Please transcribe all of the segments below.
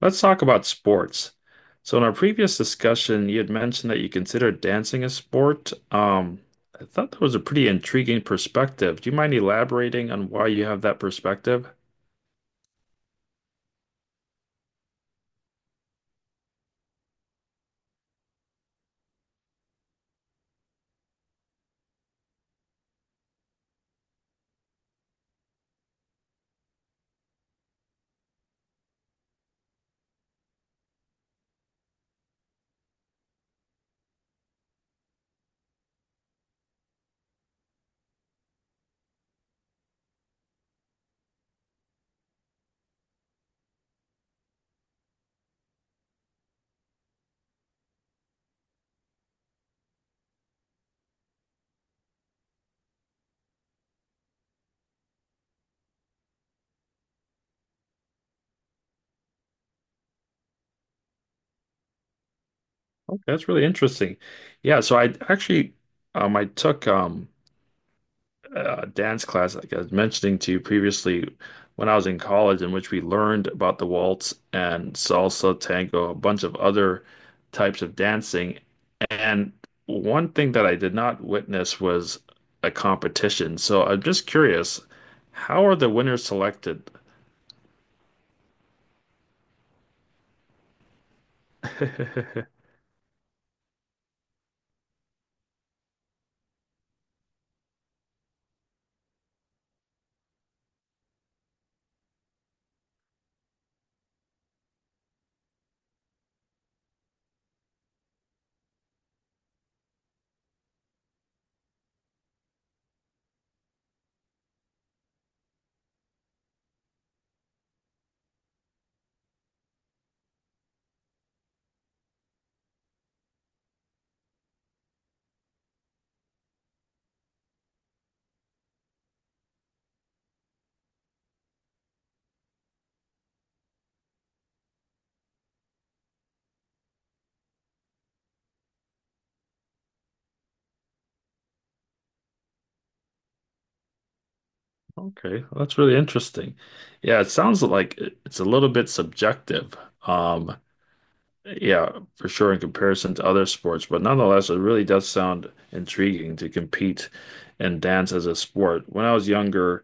Let's talk about sports. So in our previous discussion, you had mentioned that you consider dancing a sport. I thought that was a pretty intriguing perspective. Do you mind elaborating on why you have that perspective? Okay, that's really interesting. Yeah, so I actually I took dance class, like I was mentioning to you previously, when I was in college, in which we learned about the waltz and salsa, tango, a bunch of other types of dancing. And one thing that I did not witness was a competition. So I'm just curious, how are the winners selected? Okay, well, that's really interesting. Yeah, it sounds like it's a little bit subjective. Um, Yeah, for sure in comparison to other sports, but nonetheless, it really does sound intriguing to compete and dance as a sport. When I was younger,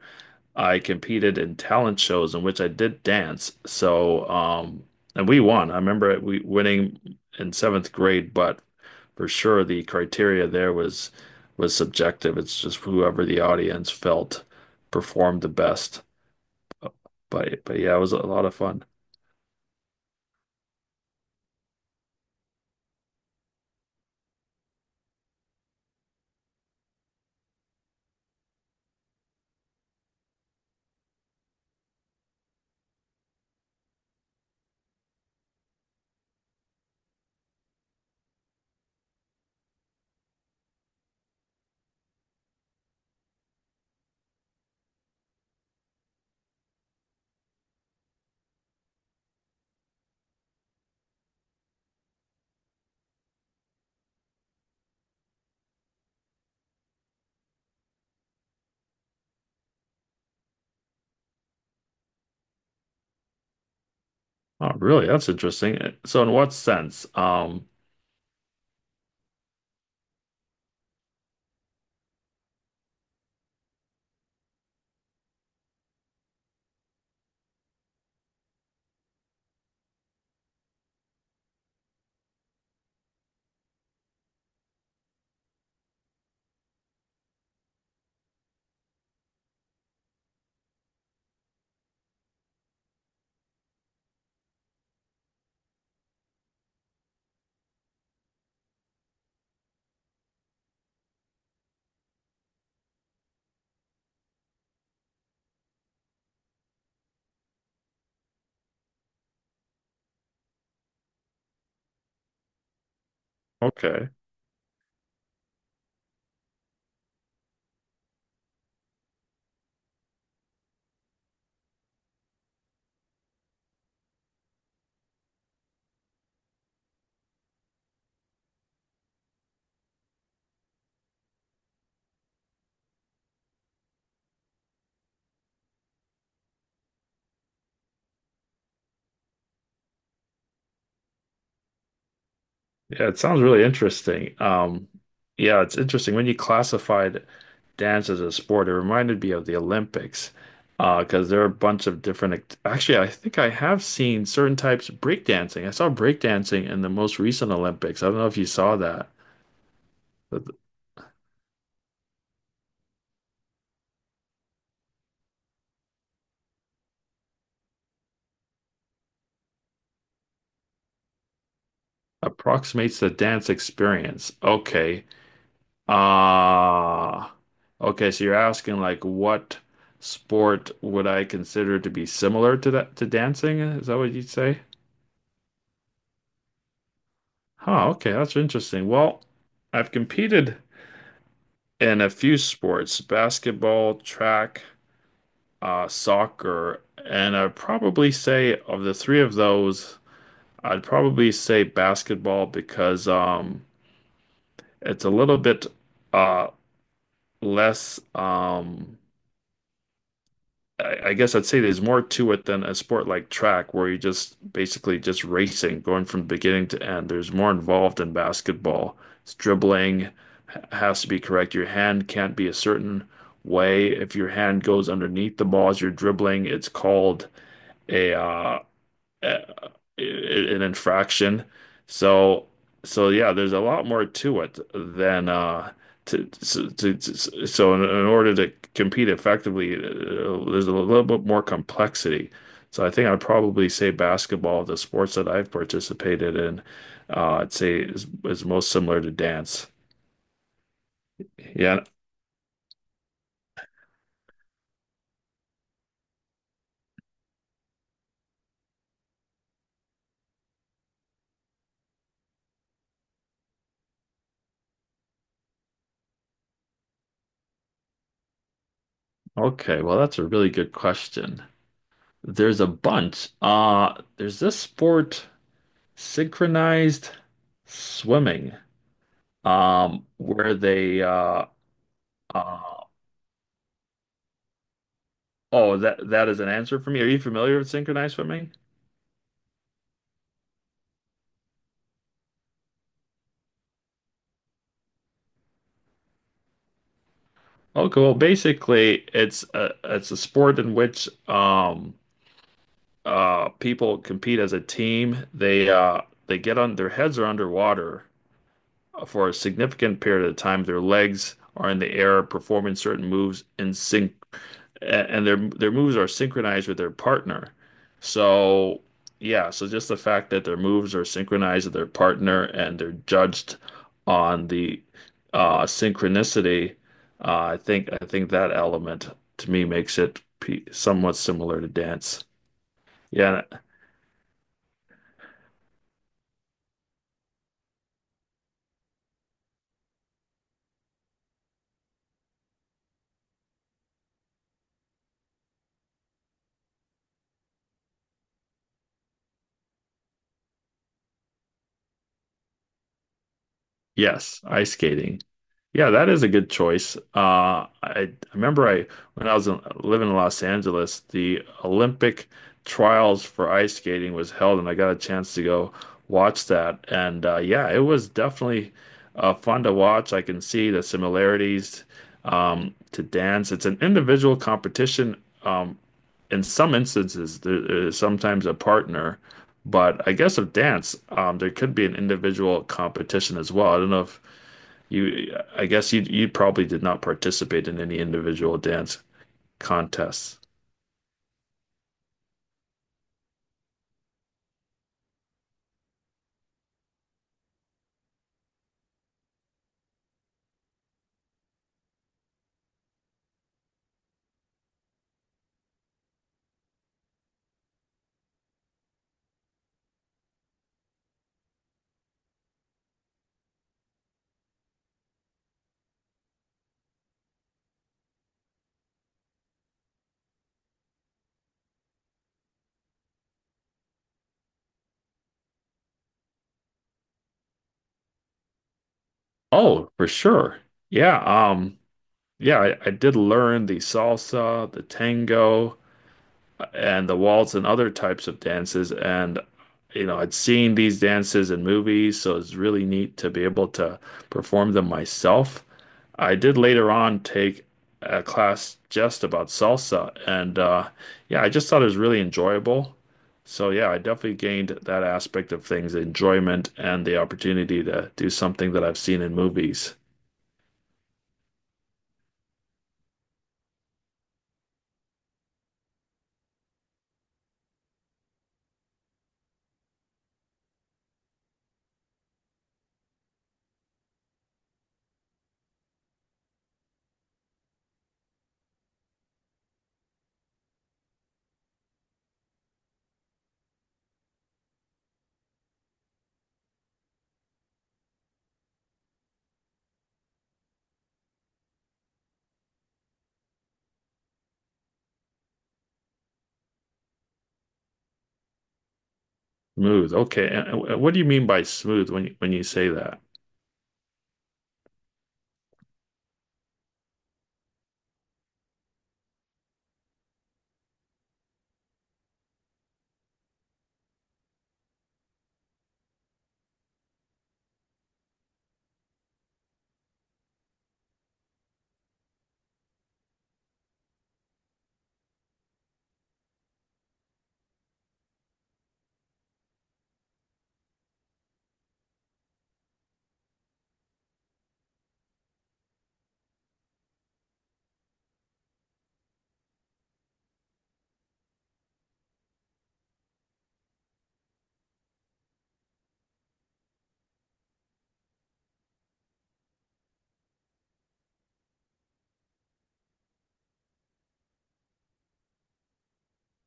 I competed in talent shows in which I did dance. So, and we won. I remember we winning in seventh grade, but for sure the criteria there was subjective. It's just whoever the audience felt performed the best. But yeah, it was a lot of fun. Oh, really? That's interesting. So, in what sense? Okay. Yeah, it sounds really interesting. Yeah, it's interesting. When you classified dance as a sport, it reminded me of the Olympics, because there are a bunch of different actually, I think I have seen certain types of breakdancing. I saw breakdancing in the most recent Olympics. I don't know if you saw that. That Approximates the dance experience. Okay. Uh okay, so you're asking like what sport would I consider to be similar to that to dancing? Is that what you'd say? Huh, okay, that's interesting. Well, I've competed in a few sports, basketball, track, soccer, and I'd probably say of the three of those, I'd probably say basketball because it's a little bit uh less um. I guess I'd say there's more to it than a sport like track where you just basically just racing, going from beginning to end. There's more involved in basketball. It's dribbling has to be correct. Your hand can't be a certain way. If your hand goes underneath the ball as you're dribbling, it's called a uh a an infraction. So so yeah, there's a lot more to it than , in order to compete effectively, there's a little bit more complexity. So I think I'd probably say basketball, the sports that I've participated in, I'd say is most similar to dance. Yeah. Okay. Well, that's a really good question. There's a bunch. There's this sport, synchronized swimming. Where they uh, oh that is an answer for me. Are you familiar with synchronized swimming? Okay, well, basically, it's a sport in which people compete as a team. They get on their heads are underwater for a significant period of time. Their legs are in the air, performing certain moves in sync and their moves are synchronized with their partner. So yeah, so just the fact that their moves are synchronized with their partner and they're judged on the synchronicity, I think that element to me makes it pe somewhat similar to dance. Yeah, yes, ice skating. Yeah, that is a good choice. I remember I when I was in, living in Los Angeles, the Olympic trials for ice skating was held, and I got a chance to go watch that. And yeah, it was definitely fun to watch. I can see the similarities to dance. It's an individual competition. Um, in some instances, there is sometimes a partner, but I guess of dance, there could be an individual competition as well. I don't know if you, I guess you probably did not participate in any individual dance contests. Oh, for sure. Yeah, yeah, I did learn the salsa, the tango, and the waltz and other types of dances. And, you know, I'd seen these dances in movies, so it's really neat to be able to perform them myself. I did later on take a class just about salsa, and yeah, I just thought it was really enjoyable. So yeah, I definitely gained that aspect of things, enjoyment and the opportunity to do something that I've seen in movies. Smooth. Okay. And what do you mean by smooth when when you say that?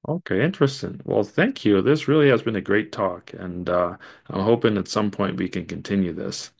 Okay, interesting. Well, thank you. This really has been a great talk, and I'm hoping at some point we can continue this.